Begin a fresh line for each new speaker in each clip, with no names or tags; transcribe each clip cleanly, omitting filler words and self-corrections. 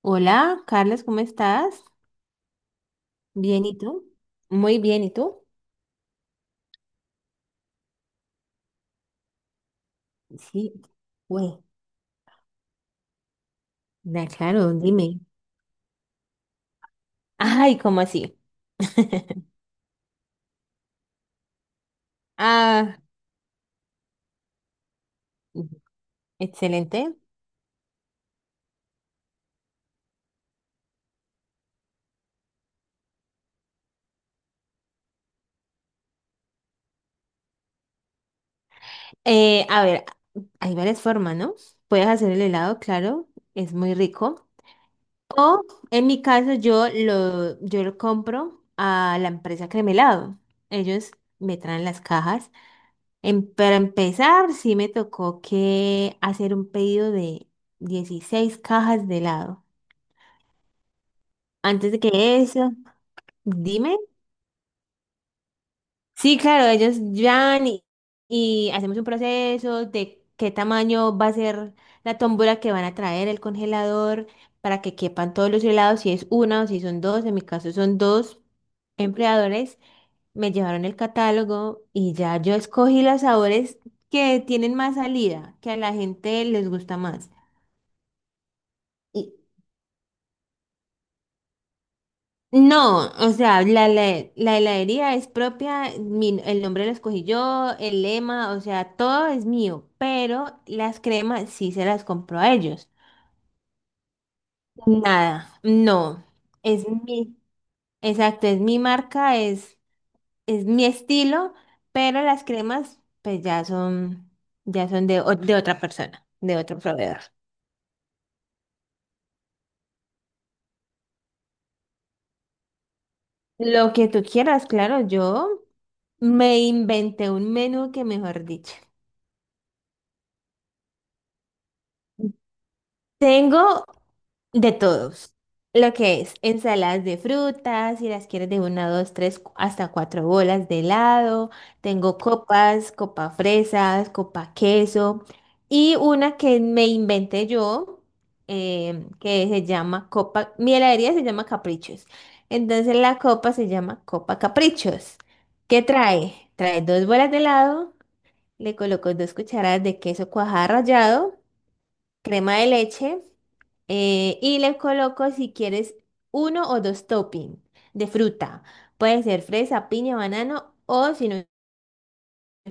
Hola, Carlos, ¿cómo estás? Bien, ¿y tú? Muy bien, ¿y tú? Sí, güey. Claro, dime. Ay, ¿cómo así? Ah, excelente. A ver, hay varias formas, ¿no? Puedes hacer el helado, claro, es muy rico. O en mi caso, yo lo compro a la empresa Cremelado. Ellos me traen las cajas. Para empezar, sí me tocó que hacer un pedido de 16 cajas de helado. Antes de que eso, dime. Sí, claro, ellos van y hacemos un proceso de qué tamaño va a ser la tómbola que van a traer el congelador para que quepan todos los helados, si es una o si son dos. En mi caso son dos empleadores. Me llevaron el catálogo y ya yo escogí los sabores que tienen más salida, que a la gente les gusta más. Y- No, o sea, la heladería es propia, el nombre lo escogí yo, el lema, o sea, todo es mío, pero las cremas sí se las compro a ellos. Nada, no, es mi, exacto, es mi marca, es mi estilo, pero las cremas pues ya son de, de otra persona, de otro proveedor. Lo que tú quieras, claro, yo me inventé un menú que mejor dicho. Tengo de todos. Lo que es ensaladas de frutas, si las quieres de una, dos, tres, hasta cuatro bolas de helado. Tengo copas, copa fresas, copa queso. Y una que me inventé yo, que se llama copa, mi heladería se llama Caprichos. Entonces la copa se llama Copa Caprichos. ¿Qué trae? Trae dos bolas de helado, le coloco dos cucharadas de queso cuajada rallado, crema de leche, y le coloco si quieres uno o dos toppings de fruta. Puede ser fresa, piña, banano o si no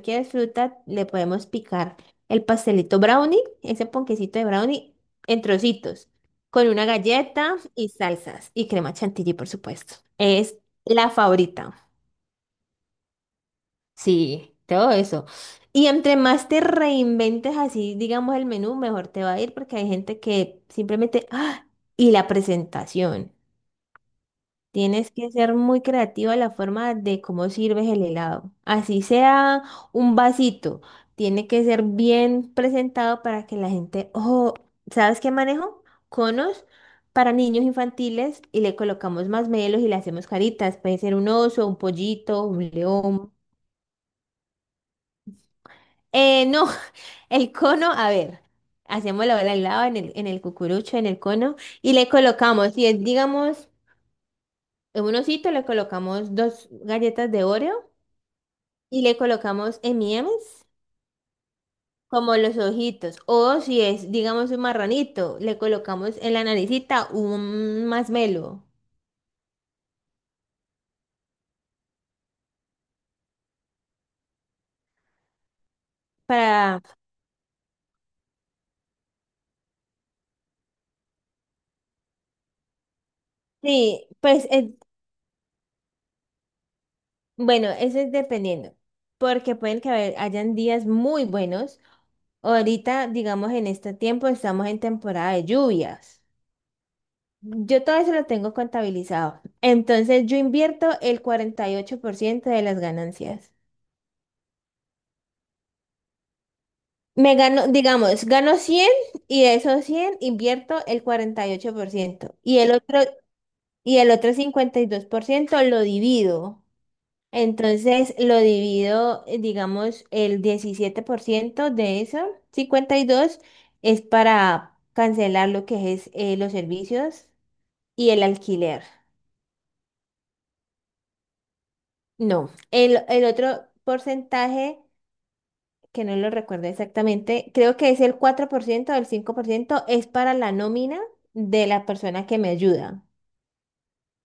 quieres fruta le podemos picar el pastelito brownie, ese ponquecito de brownie en trocitos con una galleta y salsas y crema chantilly por supuesto. Es la favorita. Sí, todo eso. Y entre más te reinventes así, digamos, el menú, mejor te va a ir porque hay gente que simplemente, ¡ah! Y la presentación. Tienes que ser muy creativa en la forma de cómo sirves el helado. Así sea un vasito, tiene que ser bien presentado para que la gente, ojo, ¿sabes qué manejo? Conos para niños infantiles y le colocamos más melos y le hacemos caritas. Puede ser un oso, un pollito, un león. No, el cono, a ver, hacemos la bola al lado en el cucurucho, en el cono, y le colocamos, si es, digamos, en un osito, le colocamos dos galletas de Oreo y le colocamos M&M's como los ojitos, o si es, digamos, un marranito, le colocamos en la naricita un masmelo para, sí, pues es. Bueno, eso es dependiendo, porque pueden que hayan días muy buenos. Ahorita, digamos, en este tiempo estamos en temporada de lluvias. Yo todo eso lo tengo contabilizado. Entonces, yo invierto el 48% de las ganancias. Me gano, digamos, gano 100 y de esos 100 invierto el cuarenta y ocho por ciento y el otro, y el otro 52% lo divido. Entonces lo divido, digamos, el 17% de eso, 52, es para cancelar lo que es los servicios y el alquiler. No, el otro porcentaje, que no lo recuerdo exactamente, creo que es el 4% o el 5% es para la nómina de la persona que me ayuda.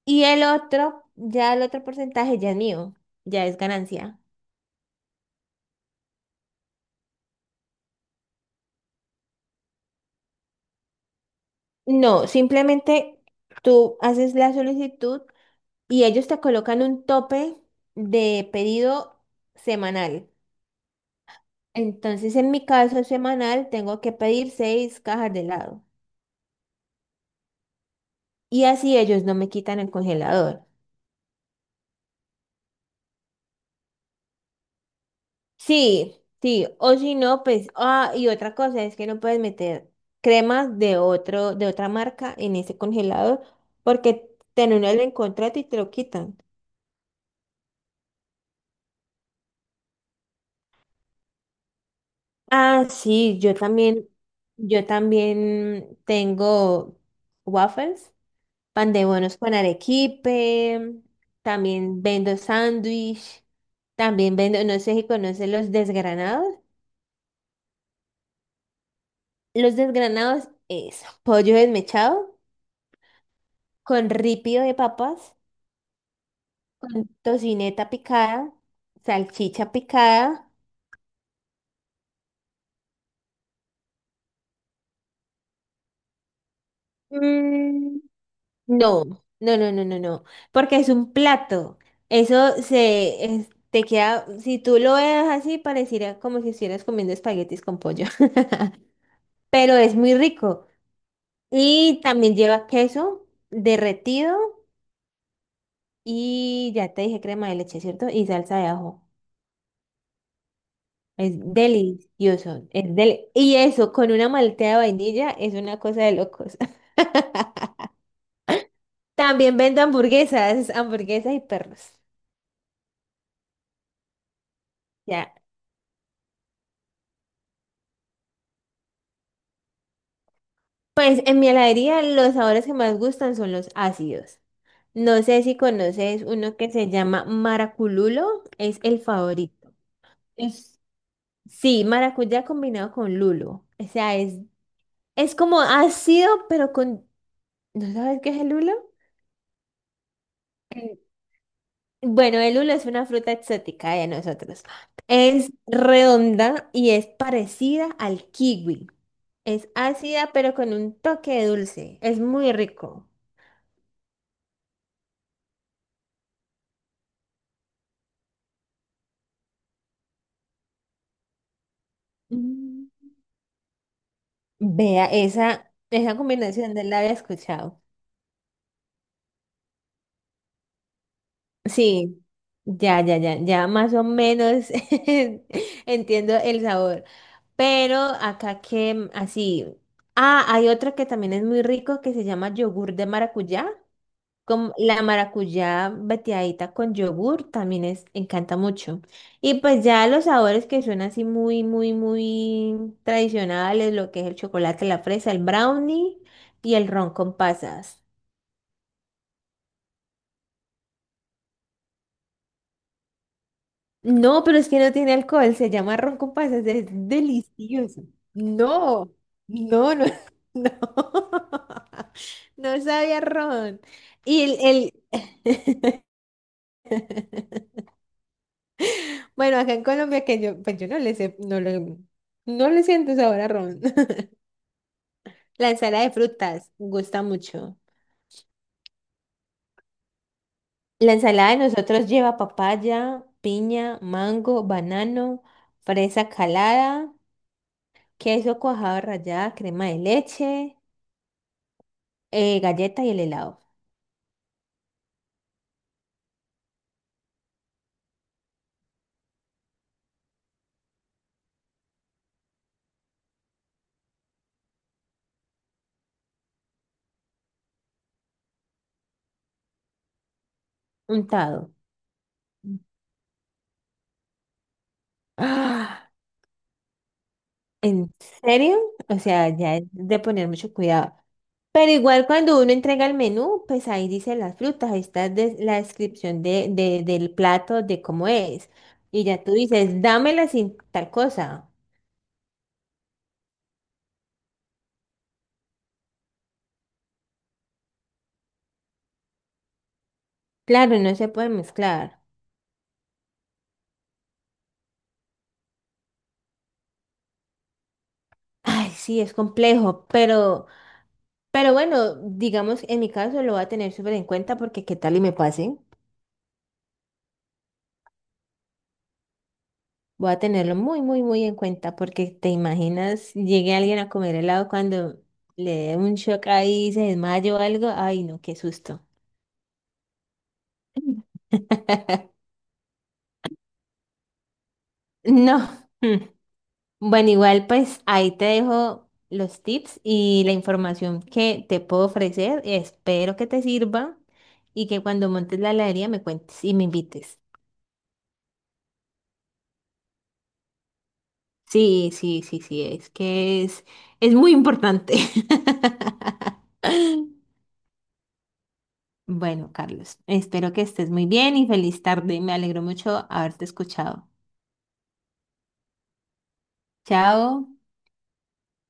Y el otro, ya el otro porcentaje ya es mío, ya es ganancia. No, simplemente tú haces la solicitud y ellos te colocan un tope de pedido semanal. Entonces, en mi caso semanal, tengo que pedir 6 cajas de helado. Y así ellos no me quitan el congelador. Sí, sí. O si no, pues, ah, y otra cosa es que no puedes meter cremas de otra marca en ese congelador porque te anulan el contrato y te lo quitan. Ah, sí, yo también tengo waffles, pan de bonos con arequipe, también vendo sándwich, también vendo, no sé si conoces los desgranados. Los desgranados es pollo desmechado con ripio de papas, con tocineta picada, salchicha picada. Mm, no, no, porque es un plato. Eso te queda, si tú lo veas así, pareciera como si estuvieras comiendo espaguetis con pollo. Pero es muy rico. Y también lleva queso derretido y ya te dije crema de leche, ¿cierto? Y salsa de ajo. Es delicioso. Es del y eso, con una malteada de vainilla, es una cosa de locos. También vendo hamburguesas, hamburguesas y perros. Ya. Pues en mi heladería los sabores que más gustan son los ácidos. No sé si conoces uno que se llama maracululo, es el favorito. Es... Sí, maracuyá combinado con lulo. O sea, es. Es como ácido, pero con... ¿No sabes qué es el lulo? Eh, Bueno, el lulo es una fruta exótica de nosotros. Es redonda y es parecida al kiwi. Es ácida, pero con un toque de dulce. Es muy rico. Mm. Vea, esa combinación no la había escuchado. Sí, ya más o menos entiendo el sabor. Pero acá que así. Ah, hay otra que también es muy rico que se llama yogur de maracuyá. Con la maracuyá veteadita con yogur también es, encanta mucho. Y pues ya los sabores que son así muy, muy, muy tradicionales, lo que es el chocolate, la fresa, el brownie y el ron con pasas. No, pero es que no tiene alcohol, se llama ron con pasas, es delicioso. No, no, no, no, no sabía ron. Y el, el, bueno, acá en Colombia que yo, pues yo no le sé, no le, no le siento sabor a ron. La ensalada de frutas gusta mucho. La ensalada de nosotros lleva papaya, piña, mango, banano, fresa calada, queso cuajado rallada, crema de leche. Galleta y el helado. Untado. ¡Ah! ¿En serio? O sea, ya es de poner mucho cuidado. Pero igual cuando uno entrega el menú, pues ahí dice las frutas, ahí está la descripción de, del plato, de cómo es. Y ya tú dices, dámela sin tal cosa. Claro, no se puede mezclar. Ay, sí, es complejo, pero bueno, digamos, en mi caso lo voy a tener súper en cuenta porque qué tal y me pase. Voy a tenerlo muy en cuenta porque te imaginas, llegue alguien a comer helado cuando le dé un shock ahí, y se desmaya o algo. Ay, no, qué susto. No. Mm. Bueno, igual pues ahí te dejo los tips y la información que te puedo ofrecer. Espero que te sirva y que cuando montes la heladería me cuentes y me invites. Sí, es que es muy importante. Bueno, Carlos, espero que estés muy bien y feliz tarde. Me alegro mucho haberte escuchado. Chao.